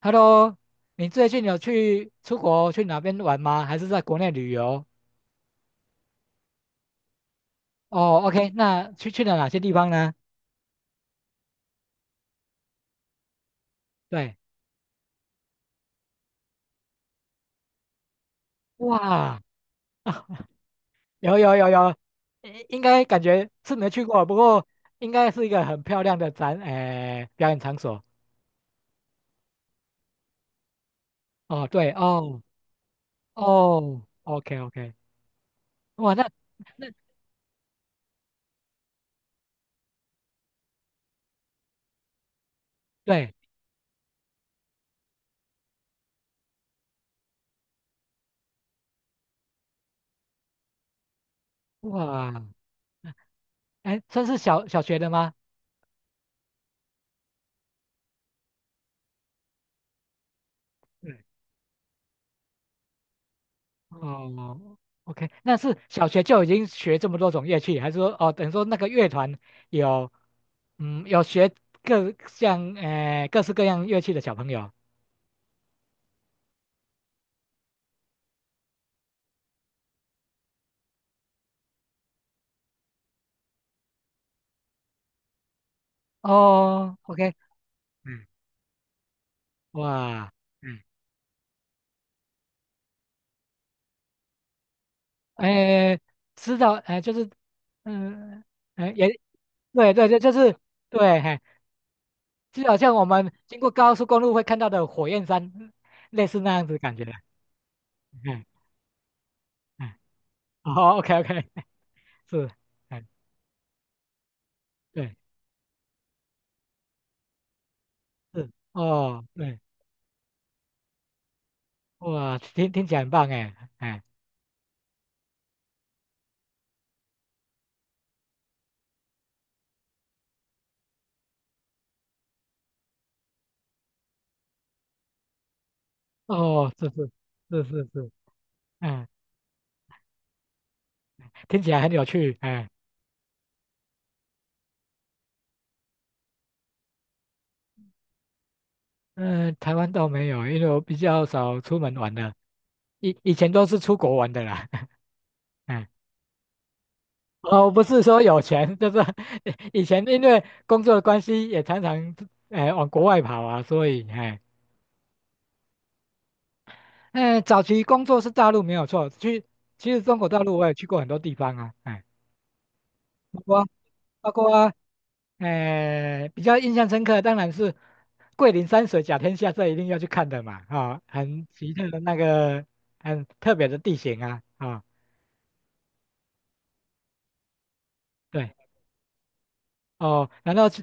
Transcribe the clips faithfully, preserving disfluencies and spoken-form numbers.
Hello，你最近有去出国去哪边玩吗？还是在国内旅游？哦，OK，那去去了哪些地方呢？对，哇，啊，有有有有，应应该感觉是没去过，不过应该是一个很漂亮的展，诶、表演场所。哦，对，哦哦，OK OK，哇，那那对，哇，哎，算是小小学的吗？哦，OK，那是小学就已经学这么多种乐器，还是说哦，等于说那个乐团有，嗯，有学各像呃各式各样乐器的小朋友？哦，OK，嗯，哇，嗯，哎，知道，哎，就是，嗯，哎，也对对对，就是对，嘿，就好像我们经过高速公路会看到的火焰山，类似那样子感觉，嗯嗯，哦 o k OK，是，哎，对。是哦，对，哇，听听起来很棒哎，哎，哦，是是是是是，嗯，听起来很有趣哎，嗯，台湾倒没有，因为我比较少出门玩的，以以前都是出国玩的啦，哎，哦，不是说有钱，就是 以前因为工作的关系，也常常哎往国外跑啊，所以哎，哎，早期工作是大陆没有错，去其实中国大陆我也去过很多地方啊，哎，包括呃比较印象深刻，当然是桂林山水甲天下，这一定要去看的嘛，啊、很奇特的那个很特别的地形啊，啊、对，哦，然后去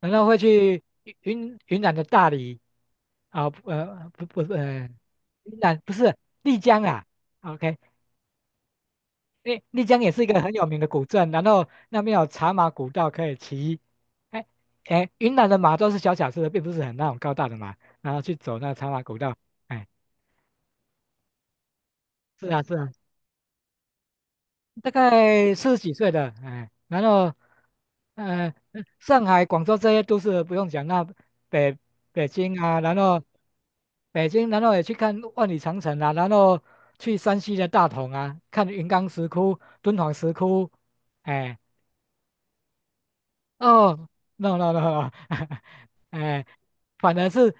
然后会去云云南的大理，啊、呃不不是、呃、云南不是丽江啊 o k 诶丽江也是一个很有名的古镇，然后那边有茶马古道可以骑。哎哎，云南的马都是小小只的，并不是很那种高大的马，然后去走那茶马古道。哎，是啊是啊，大概四十几岁的，哎，然后呃，上海、广州这些都是不用讲，那北北京啊，然后北京，然后也去看万里长城啊，然后去山西的大同啊，看云冈石窟、敦煌石窟，哎。哦，no no no 哎，反正是，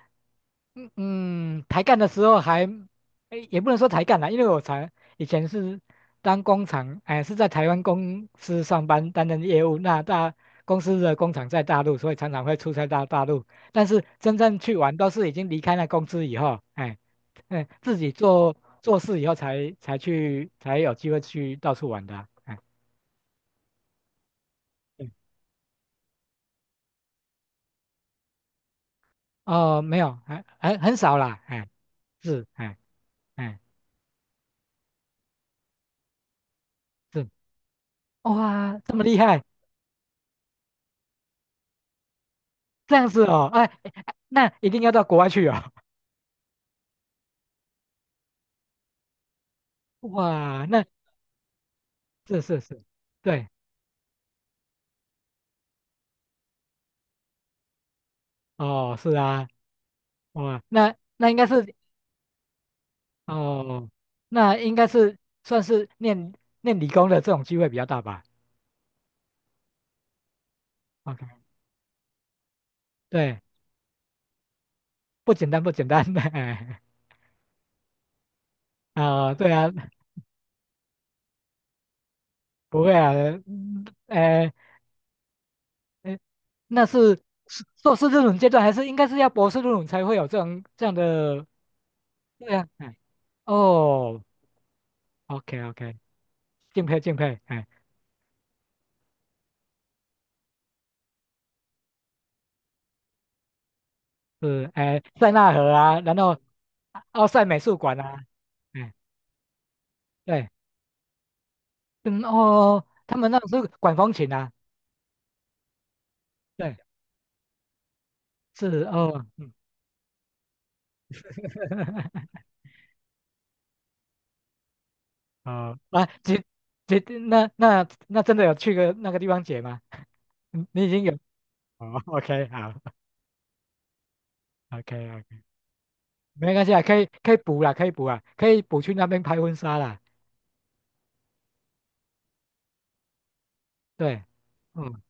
嗯嗯，抬杠的时候还，哎，也不能说抬杠啦，因为我才以前是当工厂，哎，是在台湾公司上班担任业务，那大公司的工厂在大陆，所以常常会出差到大陆，但是真正去玩都是已经离开那公司以后，哎，哎，自己做做事以后才才去才有机会去到处玩的啊哎，哦，没有，还还很少啦，哎，是，哎哎是，哇，这么厉害，这样子哦，哎，哎哎那一定要到国外去哦，哇，那是是是，对，哦，是啊，哇，那那应该是哦，那应该是算是念念理工的这种机会比较大吧？OK，对，不简单不简单的，哎啊、对啊，不会啊，嗯哎。那是是硕士这种阶段，还是应该是要博士这种才会有这种这样的？对啊，哎，哦，OK OK，敬佩敬佩，哎，是哎塞纳河啊，然后奥赛美术馆啊，哎对，嗯哦，他们那是管风琴啊，对，是哦，嗯，哦啊，姐姐，那那那真的有去个那个地方解吗？你你已经有哦，OK，好，OK。没关系啊，可以可以补啦，可以补啊，可以补去那边拍婚纱啦。对，嗯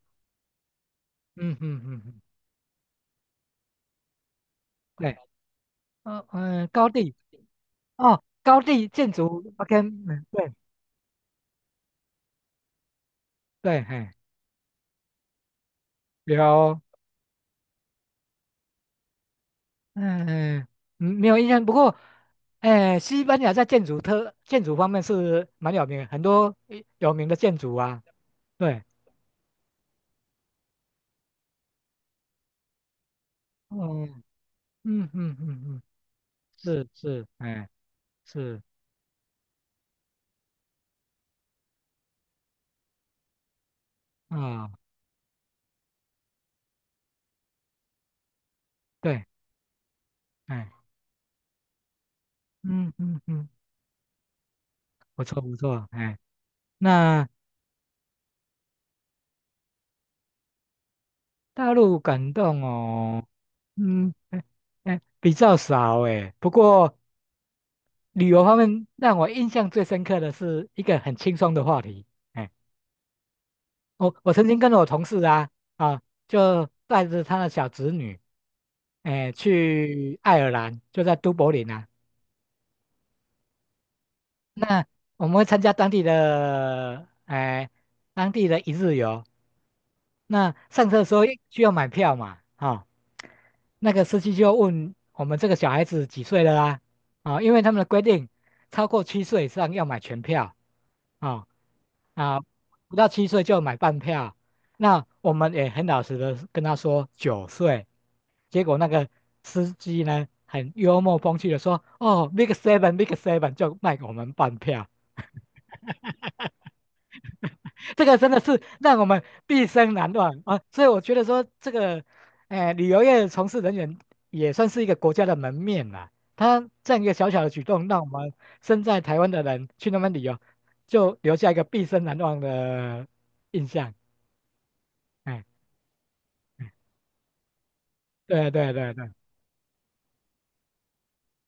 嗯嗯嗯嗯，对，嗯嗯，高地哦，高地建筑，OK，嗯，对对，嘿，有，嗯嗯，没有印象，不过，哎，西班牙在建筑特建筑方面是蛮有名的，很多有名的建筑啊，对，嗯嗯嗯嗯嗯，是是，哎是啊，对，哎，嗯嗯嗯，不错不错，哎。那大陆感动哦，嗯，哎哎，比较少哎。不过旅游方面，让我印象最深刻的是一个很轻松的话题。哎，我我曾经跟我同事啊啊，就带着他的小侄女，哎，去爱尔兰，就在都柏林啊。那我们会参加当地的哎当地的一日游，那上车的时候需要买票嘛？啊、那个司机就问我们这个小孩子几岁了啦，啊、因为他们的规定，超过七岁以上要买全票啊啊、不到七岁就要买半票。那我们也很老实的跟他说九岁，结果那个司机呢很幽默风趣的说：“哦，big seven，big seven 就卖给我们半票。”这个真的是让我们毕生难忘啊！所以我觉得说，这个，呃，旅游业从事人员也算是一个国家的门面啦。他这样一个小小的举动，让我们身在台湾的人去那边旅游，就留下一个毕生难忘的印象。哎，哎对对对对，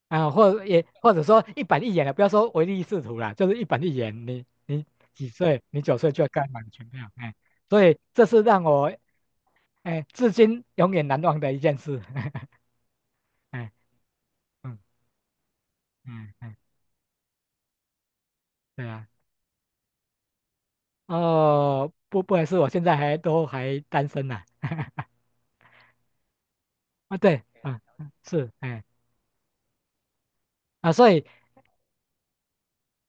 啊，或也或者说一板一眼的，不要说唯利是图啦，就是一板一眼。你你几岁？你九岁就要该买全票，哎，所以这是让我哎至今永远难忘的一件事。哎，嗯嗯嗯，对啊，哦，不，不好意思，我现在还都还单身呢、啊，对，啊，嗯是，哎，啊，所以，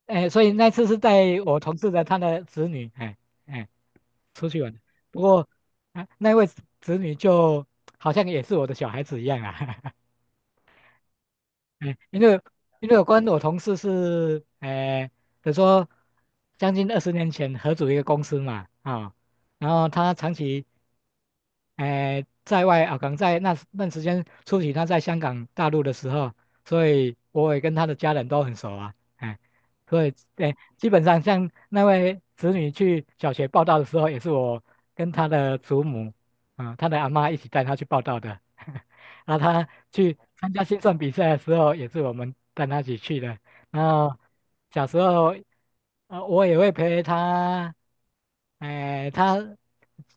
哎，所以那次是带我同事的他的子女，哎，哎，出去玩的，不过，啊，那位子子女就好像也是我的小孩子一样啊，哎，因为因为我关我同事是，哎，比如说将近二十年前合组一个公司嘛，啊、然后他长期。哎、在外啊，可能在那段时间初期他在香港、大陆的时候，所以我也跟他的家人都很熟啊，哎，所以哎，基本上像那位子女去小学报道的时候，也是我跟他的祖母，嗯，他的阿妈一起带他去报道的，然后他去参加心算比赛的时候，也是我们带他一起去的，然后小时候，呃，我也会陪他。哎，他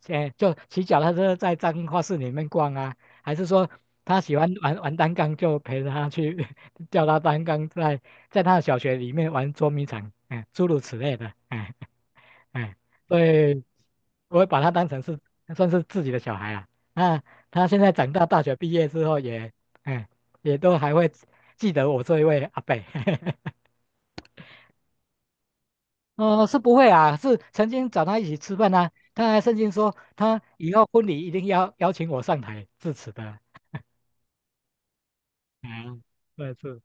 哎，就骑脚踏车在彰化市里面逛啊，还是说他喜欢玩玩单杠，就陪着他去 叫他单杠在在他的小学里面玩捉迷藏，哎，诸如此类的，哎哎，所以我会把他当成是算是自己的小孩啊。那他现在长大，大学毕业之后也，哎，也都还会记得我这一位阿伯。哦，是不会啊，是曾经找他一起吃饭啊，他还曾经说他以后婚礼一定要邀请我上台致辞的。嗯，对，是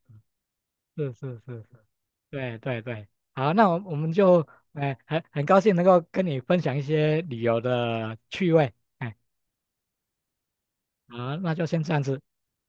是是是，是对对对，好，那我我们就，哎、很很高兴能够跟你分享一些旅游的趣味，哎，好，那就先这样子。